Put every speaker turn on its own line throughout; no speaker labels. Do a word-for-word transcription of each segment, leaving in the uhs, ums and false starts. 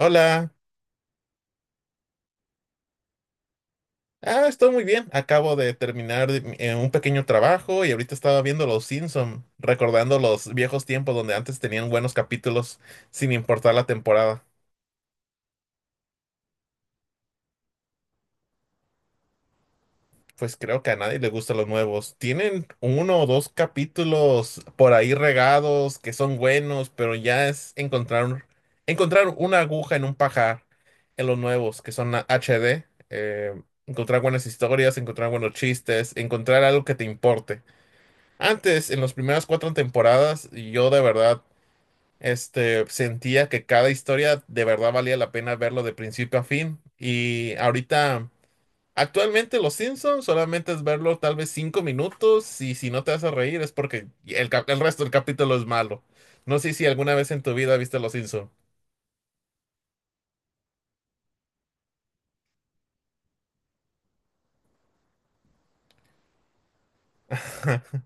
Hola. Ah, estoy muy bien. Acabo de terminar de eh, un pequeño trabajo y ahorita estaba viendo Los Simpson, recordando los viejos tiempos donde antes tenían buenos capítulos sin importar la temporada. Pues creo que a nadie le gustan los nuevos. Tienen uno o dos capítulos por ahí regados que son buenos, pero ya es encontrar, encontrar una aguja en un pajar en los nuevos que son H D. eh, Encontrar buenas historias, encontrar buenos chistes, encontrar algo que te importe. Antes, en las primeras cuatro temporadas, yo de verdad, este, sentía que cada historia de verdad valía la pena verlo de principio a fin. Y ahorita, actualmente Los Simpsons solamente es verlo tal vez cinco minutos y si no te hace reír es porque el, cap- el resto del capítulo es malo. No sé si alguna vez en tu vida viste Los Simpsons.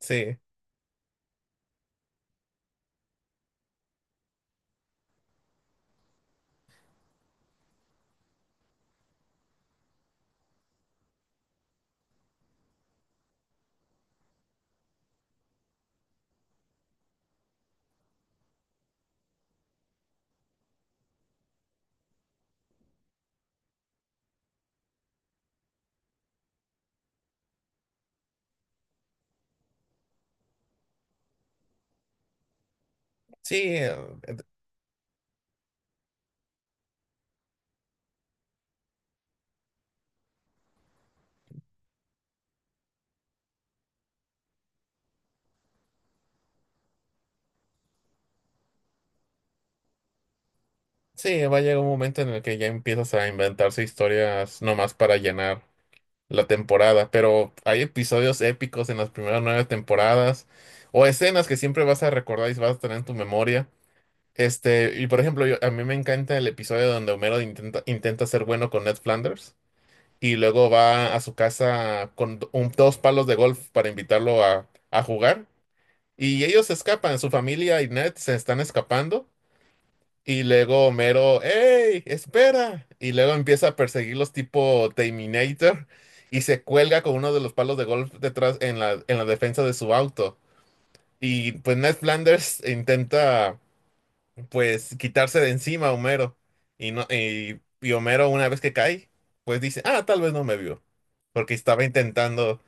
Sí, sí, eh, sí, va a llegar un momento en el que ya empiezas a inventarse historias nomás para llenar la temporada, pero hay episodios épicos en las primeras nueve temporadas o escenas que siempre vas a recordar y vas a tener en tu memoria. Este, y por ejemplo, yo- a mí me encanta el episodio donde Homero intenta, intenta ser bueno con Ned Flanders y luego va a su casa con do- un- dos palos de golf para invitarlo a, a jugar. Y ellos se escapan, su familia y Ned se están escapando y luego Homero, hey, ¡espera! Y luego empieza a perseguirlos tipo Terminator y se cuelga con uno de los palos de golf detrás en la, en la defensa de su auto. Y pues Ned Flanders intenta pues quitarse de encima a Homero. Y, no, y, y Homero, una vez que cae, pues dice, ah, tal vez no me vio. Porque estaba intentando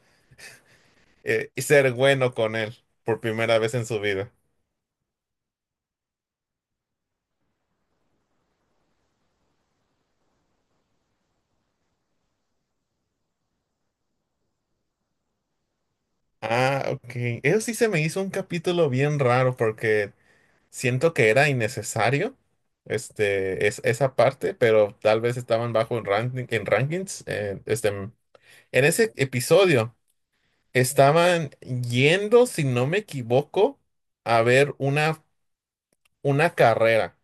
eh, ser bueno con él por primera vez en su vida. Ah, ok. Eso sí se me hizo un capítulo bien raro porque... Siento que era innecesario este, es, esa parte, pero tal vez estaban bajo en, ranking, en rankings. Eh, este, en ese episodio estaban yendo, si no me equivoco, a ver una, una carrera.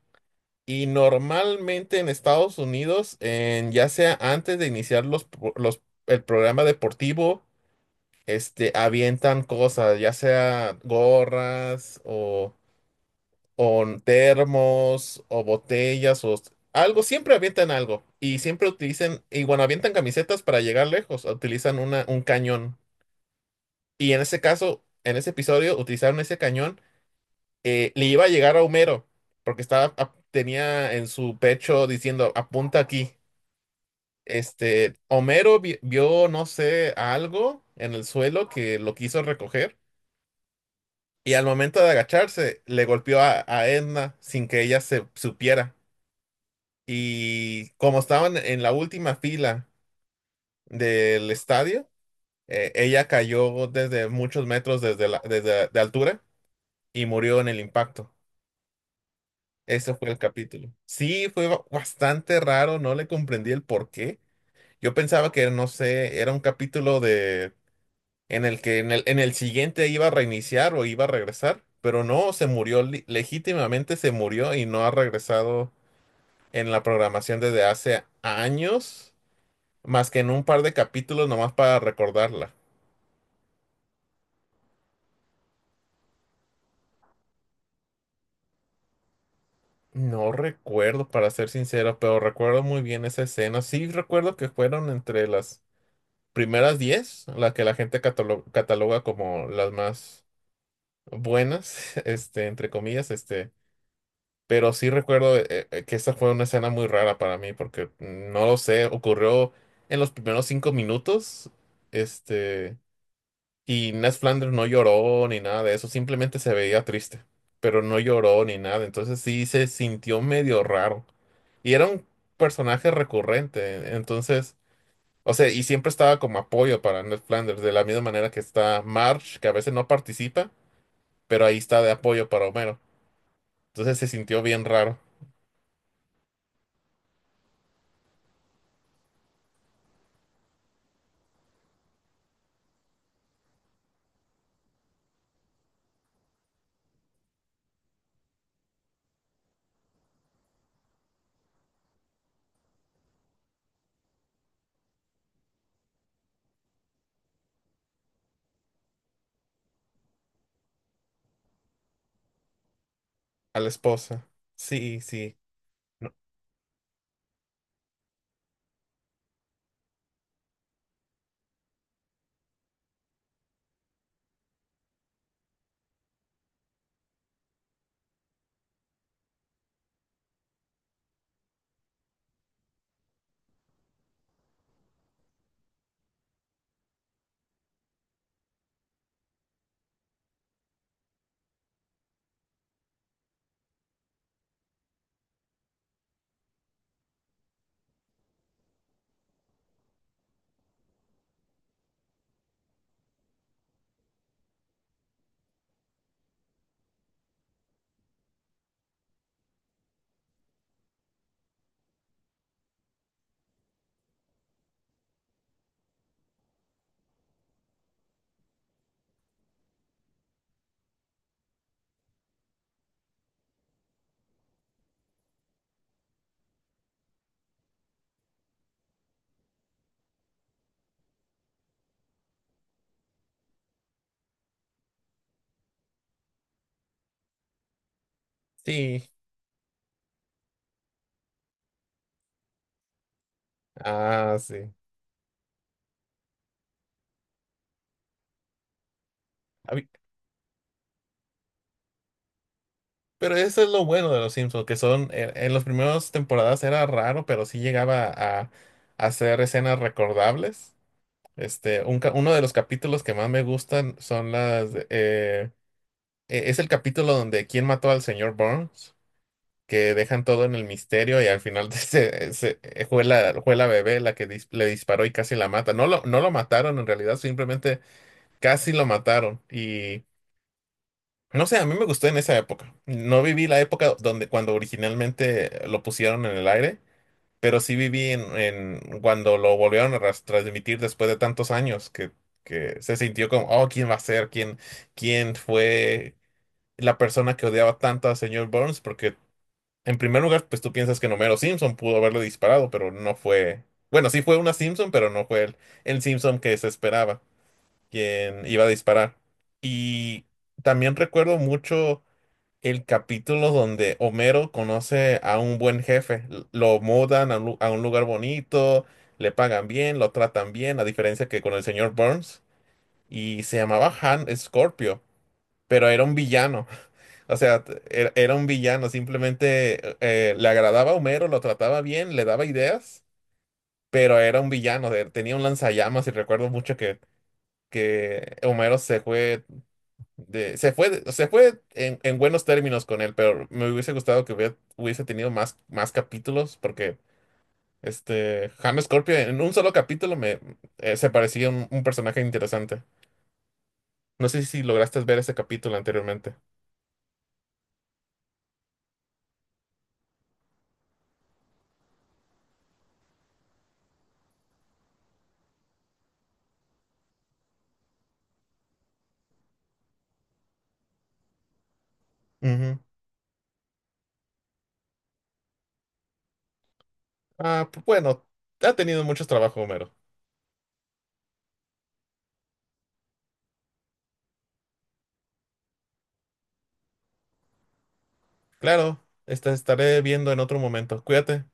Y normalmente en Estados Unidos, en, ya sea antes de iniciar los, pro- los- el programa deportivo, este, avientan cosas, ya sea gorras o termos o botellas o s- algo, siempre avientan algo y siempre utilizan, y cuando avientan camisetas para llegar lejos, utilizan una, un cañón. Y en ese caso, en ese episodio, utilizaron ese cañón, eh, le iba a llegar a Homero, porque estaba, ap- tenía en su pecho diciendo, apunta aquí. Este, Homero vi- vio, no sé, algo en el suelo que lo quiso recoger y al momento de agacharse le golpeó a, a Edna sin que ella se supiera. Y como estaban en la última fila del estadio, eh, ella cayó desde muchos metros desde la, desde, de altura y murió en el impacto. Ese fue el capítulo. Sí, fue ba- bastante raro, no le comprendí el por qué. Yo pensaba que, no sé, era un capítulo de en el que en el, en el siguiente iba a reiniciar o iba a regresar, pero no, se murió, li- legítimamente se murió y no ha regresado en la programación desde hace años. Más que en un par de capítulos nomás para recordarla. No recuerdo, para ser sincero, pero recuerdo muy bien esa escena. Sí recuerdo que fueron entre las primeras diez las que la gente catalo- cataloga como las más buenas, este, entre comillas, este. Pero sí recuerdo eh, eh, que esa fue una escena muy rara para mí, porque mm, no lo sé, ocurrió en los primeros cinco minutos, este, y Ned Flanders no lloró ni nada de eso, simplemente se veía triste, pero no lloró ni nada, entonces sí se sintió medio raro. Y era un personaje recurrente, entonces, o sea, y siempre estaba como apoyo para Ned Flanders, de la misma manera que está Marge, que a veces no participa, pero ahí está de apoyo para Homero. Entonces se sintió bien raro. A la esposa. Sí, sí, no, sí, ah, sí. Hab- Pero eso es lo bueno de los Simpsons, que son, eh, en las primeras temporadas era raro, pero sí llegaba a, a hacer escenas recordables. Este, un ca- uno de los capítulos que más me gustan son las, de- eh, e- es el capítulo donde ¿quién mató al señor Burns? Que dejan todo en el misterio y al final se, se- eh, fue la, fue la bebé la que dis- le disparó y casi la mata. No lo, no lo mataron en realidad, simplemente casi lo mataron. No sé, a mí me gustó en esa época. No viví la época donde cuando originalmente lo pusieron en el aire, pero sí viví en, en cuando lo volvieron a ras- transmitir después de tantos años que, que se sintió como, oh, ¿quién va a ser? ¿Quién, quién fue la persona que odiaba tanto al señor Burns? Porque en primer lugar, pues tú piensas que Homero Simpson pudo haberle disparado, pero no fue. Bueno, sí fue una Simpson, pero no fue el, el Simpson que se esperaba, quien iba a disparar. Y también recuerdo mucho el capítulo donde Homero conoce a un buen jefe. L- Lo mudan a un, lu- a un lugar bonito, le pagan bien, lo tratan bien, a diferencia que con el señor Burns. Y se llamaba Han Scorpio, pero era un villano. O sea, t- era, era un villano. Simplemente eh, eh, le agradaba a Homero, lo trataba bien, le daba ideas, pero era un villano. de- Tenía un lanzallamas y recuerdo mucho que, que Homero se fue de- se fue, de- se fue en, en buenos términos con él, pero me hubiese gustado que hubiera- hubiese tenido más, más capítulos, porque este James Scorpio en un solo capítulo me eh, se parecía un, un personaje interesante. No sé si lograste ver ese capítulo anteriormente. Ujú. Ah, pues bueno, ha tenido muchos trabajos, Homero. Claro, esta estaré viendo en otro momento. Cuídate.